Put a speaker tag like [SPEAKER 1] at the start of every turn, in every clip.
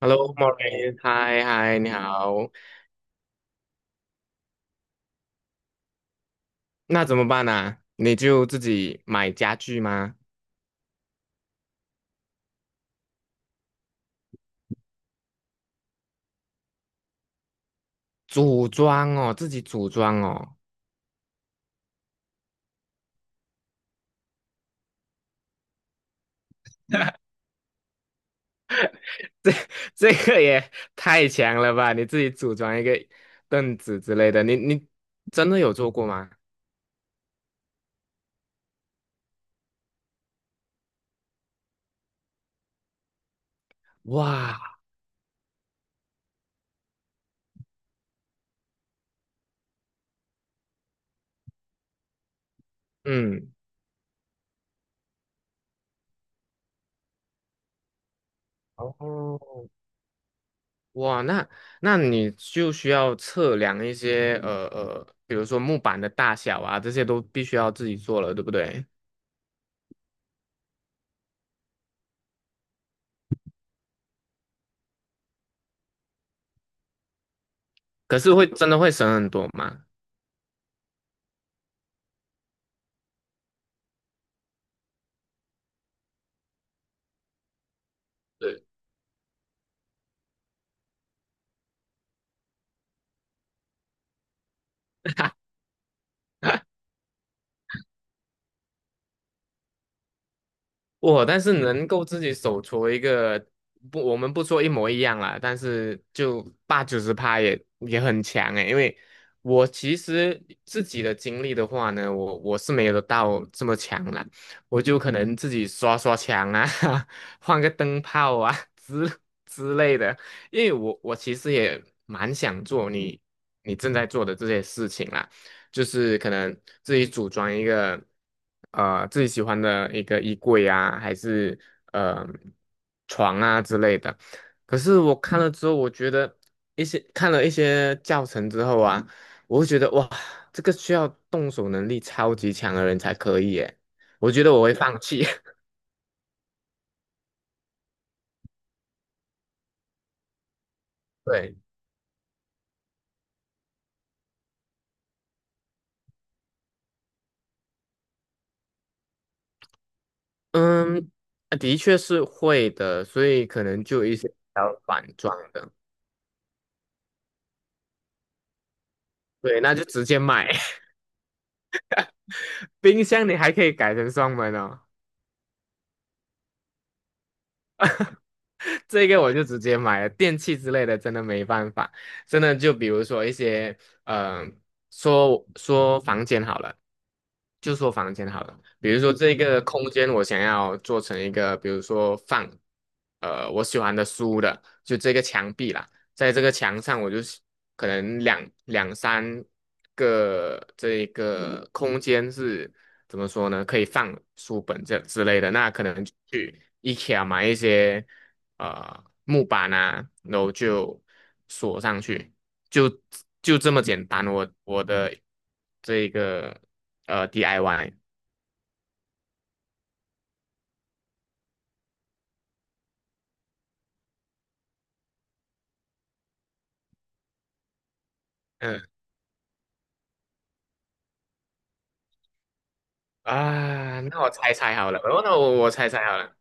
[SPEAKER 1] Hello, Mauree 嗨嗨，你好。那怎么办啊？你就自己买家具吗？组装哦，自己组装哦，这个也太强了吧！你自己组装一个凳子之类的，你真的有做过吗？哇，嗯，哦，哇，那你就需要测量一些比如说木板的大小啊，这些都必须要自己做了，对不对？可是会真的会省很多吗？对。我但是能够自己手搓一个，不，我们不说一模一样啦，但是就八九十趴也很强诶，因为我其实自己的经历的话呢，我是没有到这么强啦，我就可能自己刷刷墙啊，换个灯泡啊之类的，因为我其实也蛮想做你正在做的这些事情啦。就是可能自己组装一个自己喜欢的一个衣柜啊，还是呃床啊之类的。可是我看了之后，我觉得一些看了一些教程之后啊，我会觉得哇，这个需要动手能力超级强的人才可以耶。我觉得我会放弃。对，嗯，啊的确是会的，所以可能就有一些反装的。对，那就直接买。冰箱你还可以改成双门哦。这个我就直接买了，电器之类的真的没办法，真的就比如说一些，嗯、说说房间好了，就说房间好了，比如说这个空间我想要做成一个，比如说放，我喜欢的书的，就这个墙壁啦，在这个墙上我就是可能两三个这一个空间是怎么说呢？可以放书本这之类的，那可能就去 IKEA 买一些。木板啊，然后就锁上去，就就这么简单。我的这个DIY，嗯那我猜猜好了，哦，那我猜猜好了，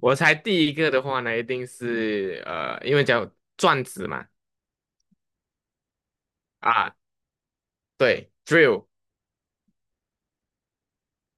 [SPEAKER 1] 我猜第一个的话呢，一定是因为叫转子嘛，啊，对，drill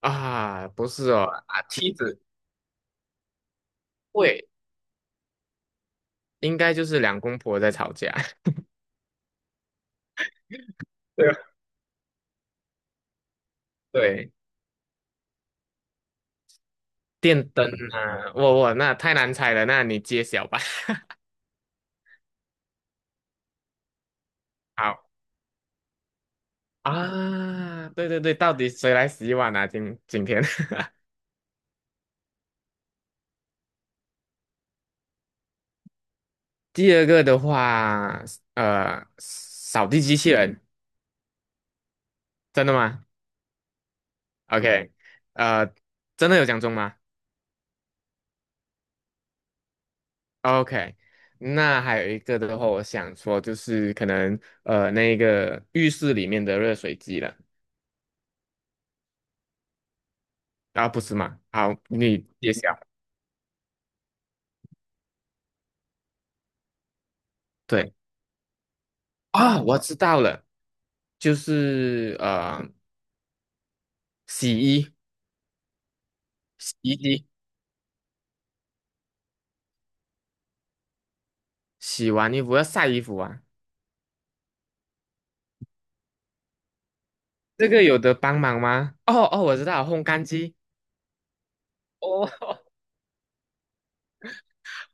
[SPEAKER 1] 啊，不是哦，啊，梯子，会，应该就是两公婆在吵架，对吧对，电灯啊，我那太难猜了，那你揭晓吧。好。啊，对对对，到底谁来洗碗啊？今天，第二个的话，扫地机器人，真的吗？OK，呃，真的有讲中吗？OK，那还有一个的话，我想说就是可能那个浴室里面的热水机了，啊，不是吗？好，你揭晓。对啊，我知道了，就是洗衣洗衣机，洗完衣服要晒衣服啊。这个有得帮忙吗？哦哦，我知道，烘干机。哦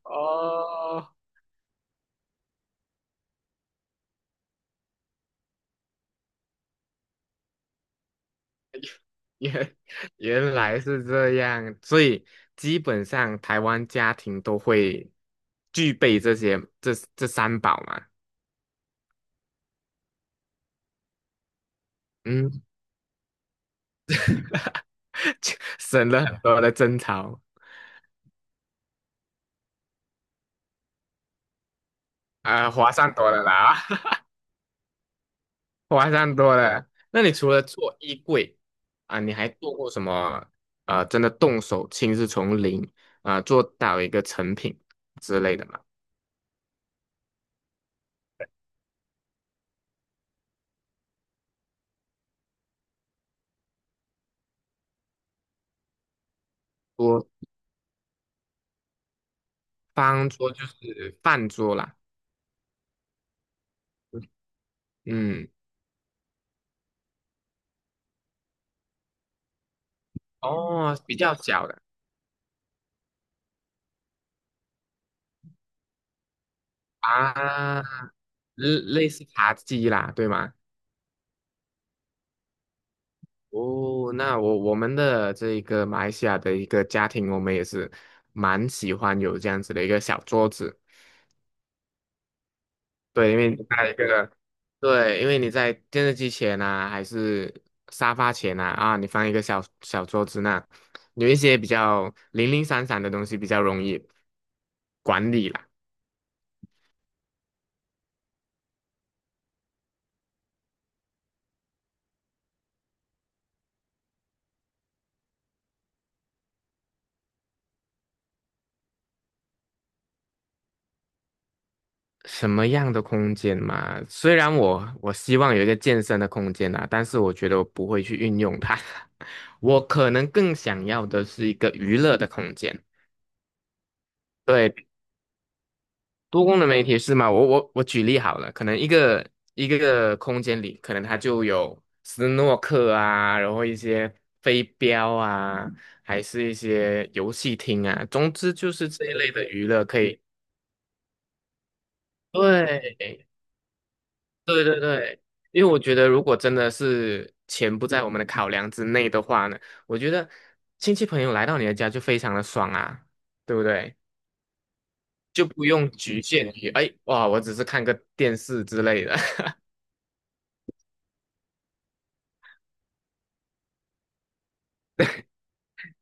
[SPEAKER 1] 哦，原原来是这样，所以基本上台湾家庭都会具备这些这三宝嘛。嗯，就省了很多的争吵，啊、划算多了啦，划算多了。那你除了做衣柜啊、你还做过什么？真的动手亲自从零啊、做到一个成品之类的吗？方桌就是饭桌啦，嗯，哦，比较小的啊，类似茶几啦，对吗？哦，那我们的这个马来西亚的一个家庭，我们也是蛮喜欢有这样子的一个小桌子，对，因为你在一个对，因为你在电视机前呐，还是沙发前呐，啊，你放一个小小桌子那，有一些比较零零散散的东西比较容易管理啦。什么样的空间嘛？虽然我希望有一个健身的空间啊，但是我觉得我不会去运用它。我可能更想要的是一个娱乐的空间。对，多功能媒体是吗？我举例好了，可能一个空间里，可能它就有斯诺克啊，然后一些飞镖啊，还是一些游戏厅啊，总之就是这一类的娱乐可以。对对，因为我觉得，如果真的是钱不在我们的考量之内的话呢，我觉得亲戚朋友来到你的家就非常的爽啊，对不对？就不用局限于，哎，哇，我只是看个电视之类的。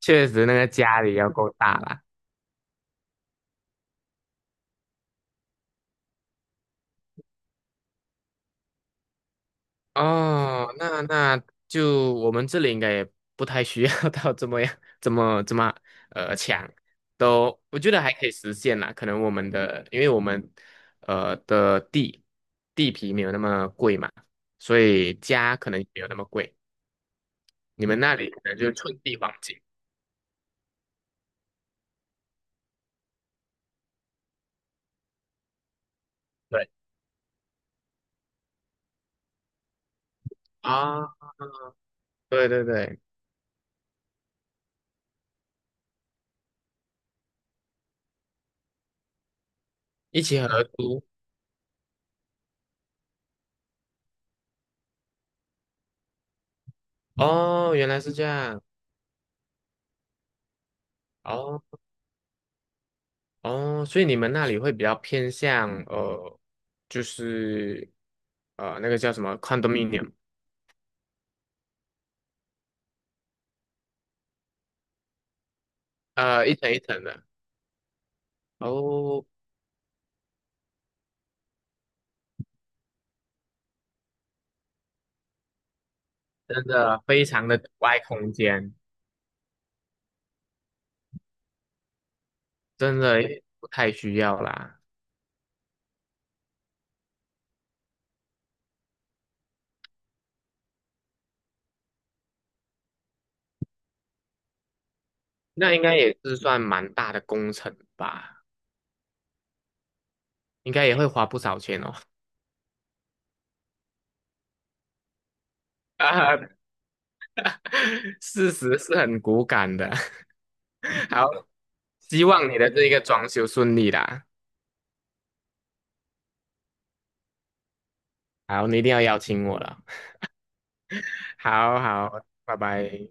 [SPEAKER 1] 确实，那个家里要够大啦。哦，那就我们这里应该也不太需要 到这么样，这么强，都我觉得还可以实现啦。可能我们的，因为我们的地皮没有那么贵嘛，所以家可能也没有那么贵。你们那里可能就寸地黄金。对啊，对对对，一起合租。哦，原来是这样。哦。哦，所以你们那里会比较偏向就是那个叫什么 condominium，一层一层的。哦，真的非常的阻碍空间，真的不太需要啦。那应该也是算蛮大的工程吧，应该也会花不少钱哦。啊，事实是很骨感的。好，希望你的这一个装修顺利啦。好，你一定要邀请我了。好好，拜拜。